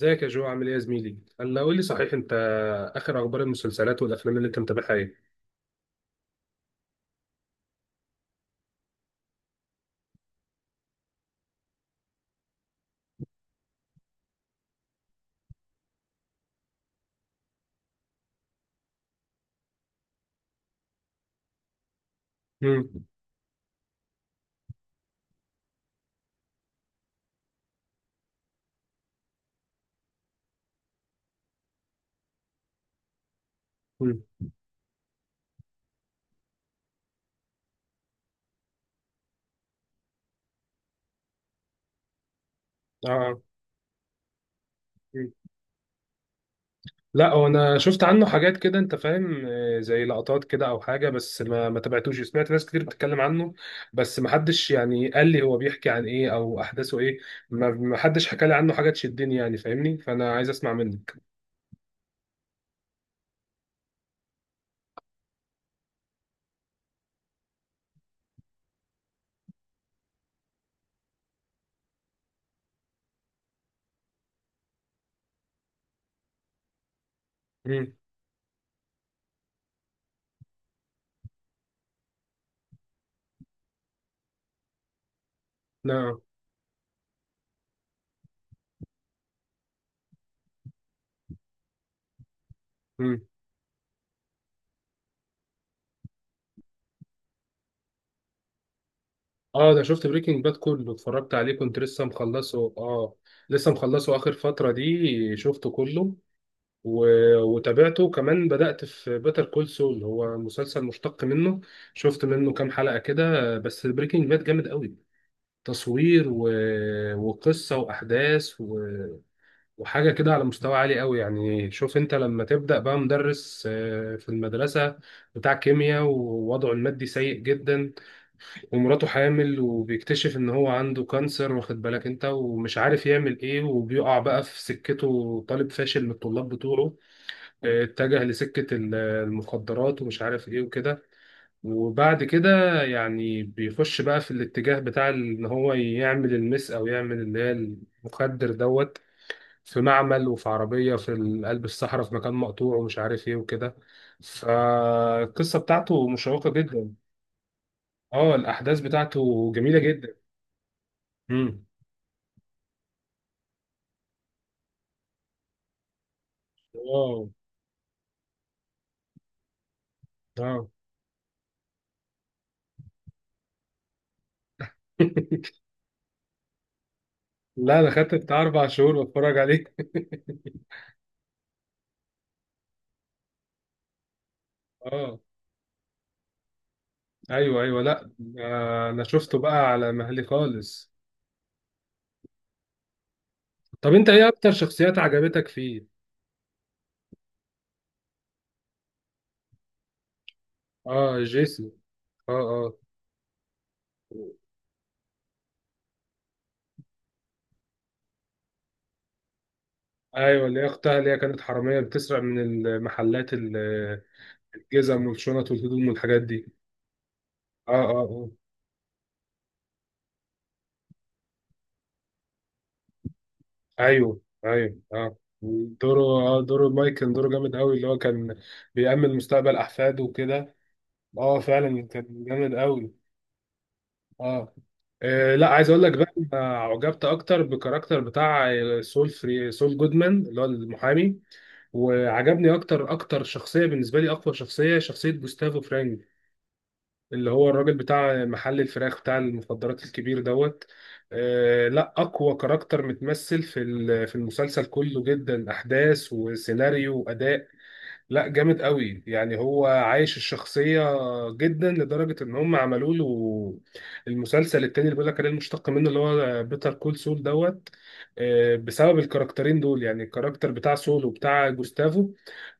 ازيك يا جو، عامل ايه يا زميلي؟ هلا قول لي صحيح، انت اخر اخبار المسلسلات والافلام اللي انت متابعها ايه؟ مم. مم. اه، آه. مم. لا، هو انا شفت عنه حاجات كده، انت فاهم، زي لقطات كده او حاجه، بس ما تابعتوش. سمعت ناس كتير بتتكلم عنه، بس ما حدش يعني قال لي هو بيحكي عن ايه او احداثه ايه. ما حدش حكى لي عنه حاجه تشدني، يعني فاهمني؟ فانا عايز اسمع منك. امم. نعم. اه، ده شفت بريكنج باد كله، اتفرجت عليه، كنت لسه مخلصه اه. لسه مخلصه اخر فترة دي شفته كله و... وتابعته كمان، بدأت في بيتر كول سول، هو مسلسل مشتق منه. شفت منه كام حلقة كده، بس بريكنج باد جامد قوي، تصوير وقصة وأحداث وحاجة كده على مستوى عالي قوي يعني. شوف انت لما تبدأ بقى مدرس في المدرسة، بتاع كيمياء، ووضعه المادي سيء جدا، ومراته حامل، وبيكتشف ان هو عنده كانسر، واخد بالك انت، ومش عارف يعمل ايه، وبيقع بقى في سكته طالب فاشل من الطلاب بتوعه. اه، اتجه لسكة المخدرات ومش عارف ايه وكده. وبعد كده يعني بيخش بقى في الاتجاه بتاع ان هو يعمل المس، او يعمل اللي هي المخدر دوت، في معمل وفي عربية في قلب الصحراء، في مكان مقطوع ومش عارف ايه وكده. فالقصة بتاعته مشوقة جدا. اه، الأحداث بتاعته جميلة جدا. مم. واو. اه. لا، انا خدت بتاع 4 شهور بتفرج عليه. اه. ايوه ايوه، لا. انا شفته بقى على مهلي خالص. طب انت ايه اكتر شخصيات عجبتك فيه؟ اه، جيسي. اه اه. ايوه، اللي هي اختها، اللي هي كانت حراميه بتسرق من المحلات الجزم والشنط والهدوم والحاجات دي. اه اه اه. ايوه ايوه اه. دوره. اه، دوره مايك كان دوره جامد قوي، اللي هو كان بيأمن مستقبل احفاده وكده. اه فعلا كان جامد قوي. اه، لا، عايز اقول لك بقى، أنا عجبت اكتر بالكاركتر بتاع سول فري سول جودمان، اللي هو المحامي. وعجبني اكتر اكتر، شخصيه بالنسبه لي اقوى شخصيه، شخصيه جوستافو فرانك، اللي هو الراجل بتاع محل الفراخ بتاع المخدرات الكبير دوت. لا، اقوى كاركتر متمثل في في المسلسل كله، جدا احداث وسيناريو واداء. لا، جامد قوي، يعني هو عايش الشخصية جدا لدرجة ان هم عملوا له المسلسل التاني اللي بيقول لك عليه، المشتق منه، اللي هو بيتر كول سول دوت. بسبب الكاركترين دول، يعني الكاركتر بتاع سول وبتاع جوستافو،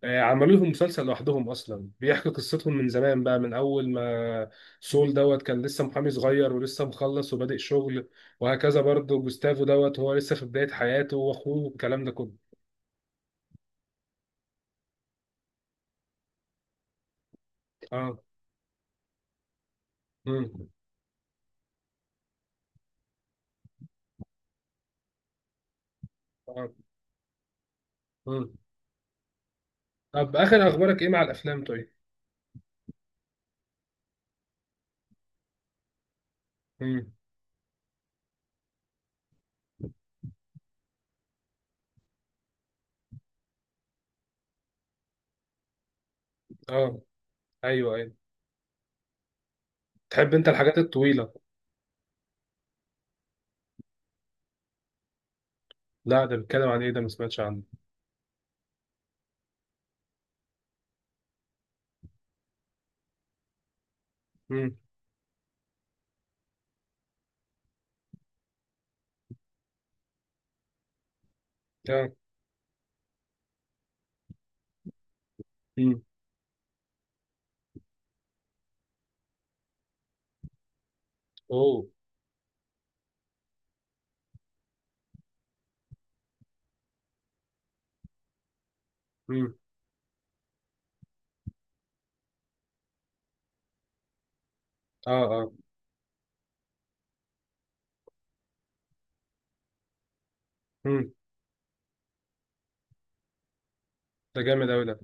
عملوا لهم مسلسل لوحدهم اصلا، بيحكي قصتهم من زمان بقى، من اول ما سول دوت كان لسه محامي صغير ولسه مخلص وبادئ شغل. وهكذا برضه جوستافو دوت، هو لسه في بداية حياته واخوه والكلام ده كله. اه. مم. آه. مم. طب اخر اخبارك ايه مع الافلام طيب؟ امم. اه، ايوه ايوه. تحب انت الحاجات الطويله؟ لا، ده بيتكلم عن ايه ده؟ ما سمعتش عنه. امم. اه. امم. اوه. امم. اه اه. امم. ده جامد اوي ده.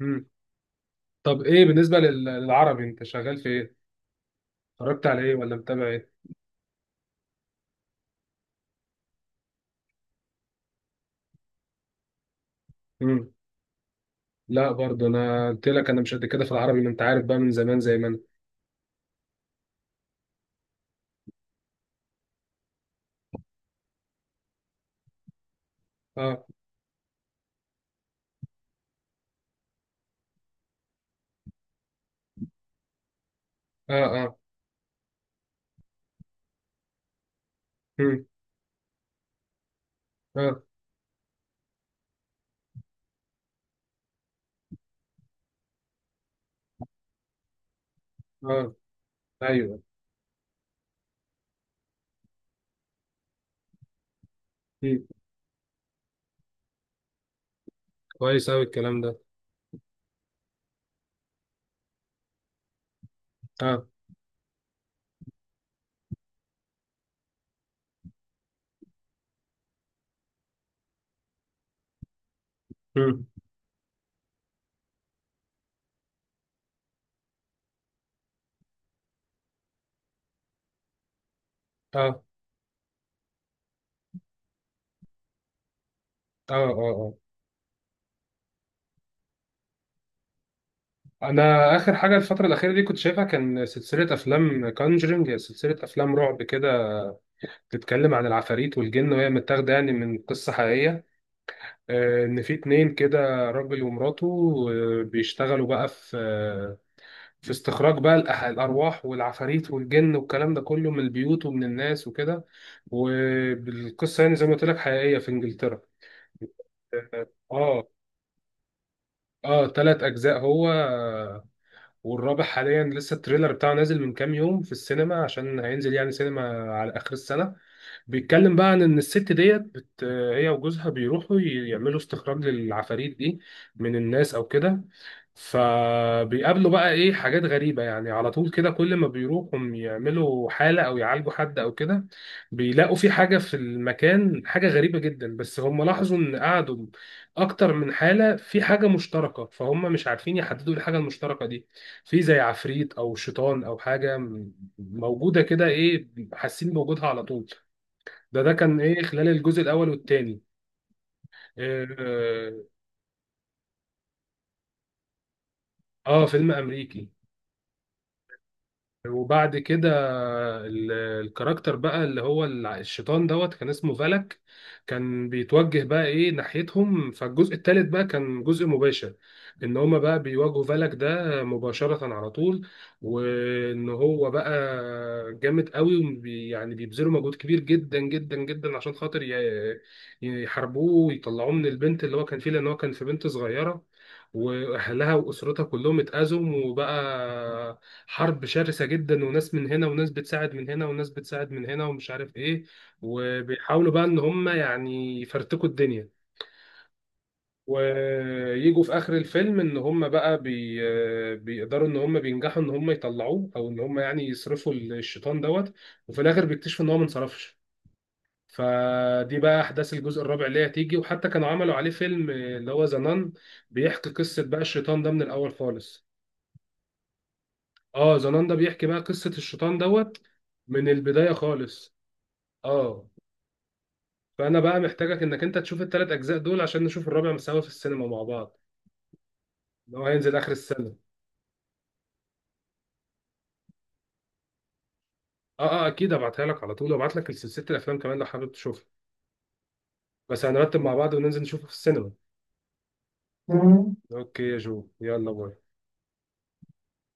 امم. طب ايه بالنسبه للعربي، انت شغال في ايه؟ اتفرجت على ايه ولا متابع ايه؟ امم. لا، برضه انا قلت لك، انا مش قد كده في العربي، ما انت عارف بقى، من زمان زي ما انا. اه اه اه. امم. اه اه. ايوه. امم. كويس اوي الكلام ده. اه. امم. اه اه اه. انا اخر حاجه الفتره الاخيره دي كنت شايفها كان سلسله افلام كونجرينج، سلسله افلام رعب كده، بتتكلم عن العفاريت والجن وهي متاخده يعني من قصه حقيقيه. ان في 2 كده، راجل ومراته، بيشتغلوا بقى في في استخراج بقى الارواح والعفاريت والجن والكلام ده كله، من البيوت ومن الناس وكده. والقصه يعني زي ما قلت لك حقيقيه في انجلترا. اه. اه، 3 اجزاء هو والرابع حاليا لسه التريلر بتاعه نازل من كام يوم في السينما عشان هينزل يعني سينما على آخر السنة. بيتكلم بقى عن ان الست ديت هي وجوزها بيروحوا يعملوا استخراج للعفاريت دي من الناس او كده. فبيقابلوا بقى ايه حاجات غريبة يعني على طول كده، كل ما بيروحوا يعملوا حالة او يعالجوا حد او كده، بيلاقوا في حاجة في المكان، حاجة غريبة جدا. بس هم لاحظوا ان قعدوا اكتر من حالة في حاجة مشتركة، فهم مش عارفين يحددوا إيه الحاجة المشتركة دي. في زي عفريت او شيطان او حاجة موجودة كده ايه، حاسين بوجودها على طول. ده كان ايه خلال الجزء الاول والثاني. اه، آه، فيلم امريكي. وبعد كده الكاركتر بقى اللي هو الشيطان دوت كان اسمه فالك، كان بيتوجه بقى ايه ناحيتهم. فالجزء الثالث بقى كان جزء مباشر، ان هما بقى بيواجهوا فالك ده مباشرة على طول، وان هو بقى جامد قوي، وبي يعني بيبذلوا مجهود كبير جدا جدا جدا عشان خاطر يحاربوه ويطلعوه من البنت اللي هو كان فيه، لان هو كان في بنت صغيرة، واهلها واسرتها كلهم اتأذوا، وبقى حرب شرسة جدا، وناس من هنا وناس بتساعد من هنا وناس بتساعد من هنا ومش عارف ايه، وبيحاولوا بقى ان هم يعني يفرتكوا الدنيا. ويجوا في اخر الفيلم ان هم بقى بيقدروا ان هم بينجحوا ان هم يطلعوه، او ان هم يعني يصرفوا الشيطان دوت. وفي الاخر بيكتشفوا ان هو ما انصرفش. فدي بقى احداث الجزء الرابع اللي هي هتيجي، وحتى كانوا عملوا عليه فيلم اللي هو زنان، بيحكي قصة بقى الشيطان ده من الاول خالص. اه، زنان ده بيحكي بقى قصة الشيطان دوت من البداية خالص. اه، فأنا بقى محتاجك إنك أنت تشوف التلات أجزاء دول عشان نشوف الرابع سوا في السينما مع بعض، إن هو هينزل آخر السنة. اه اه، أكيد هبعتها لك على طول، وأبعت لك سلسلة الأفلام كمان لو حابب تشوفها. بس هنرتب مع بعض وننزل نشوفه في السينما. مم. أوكي يا جو، يلا باي.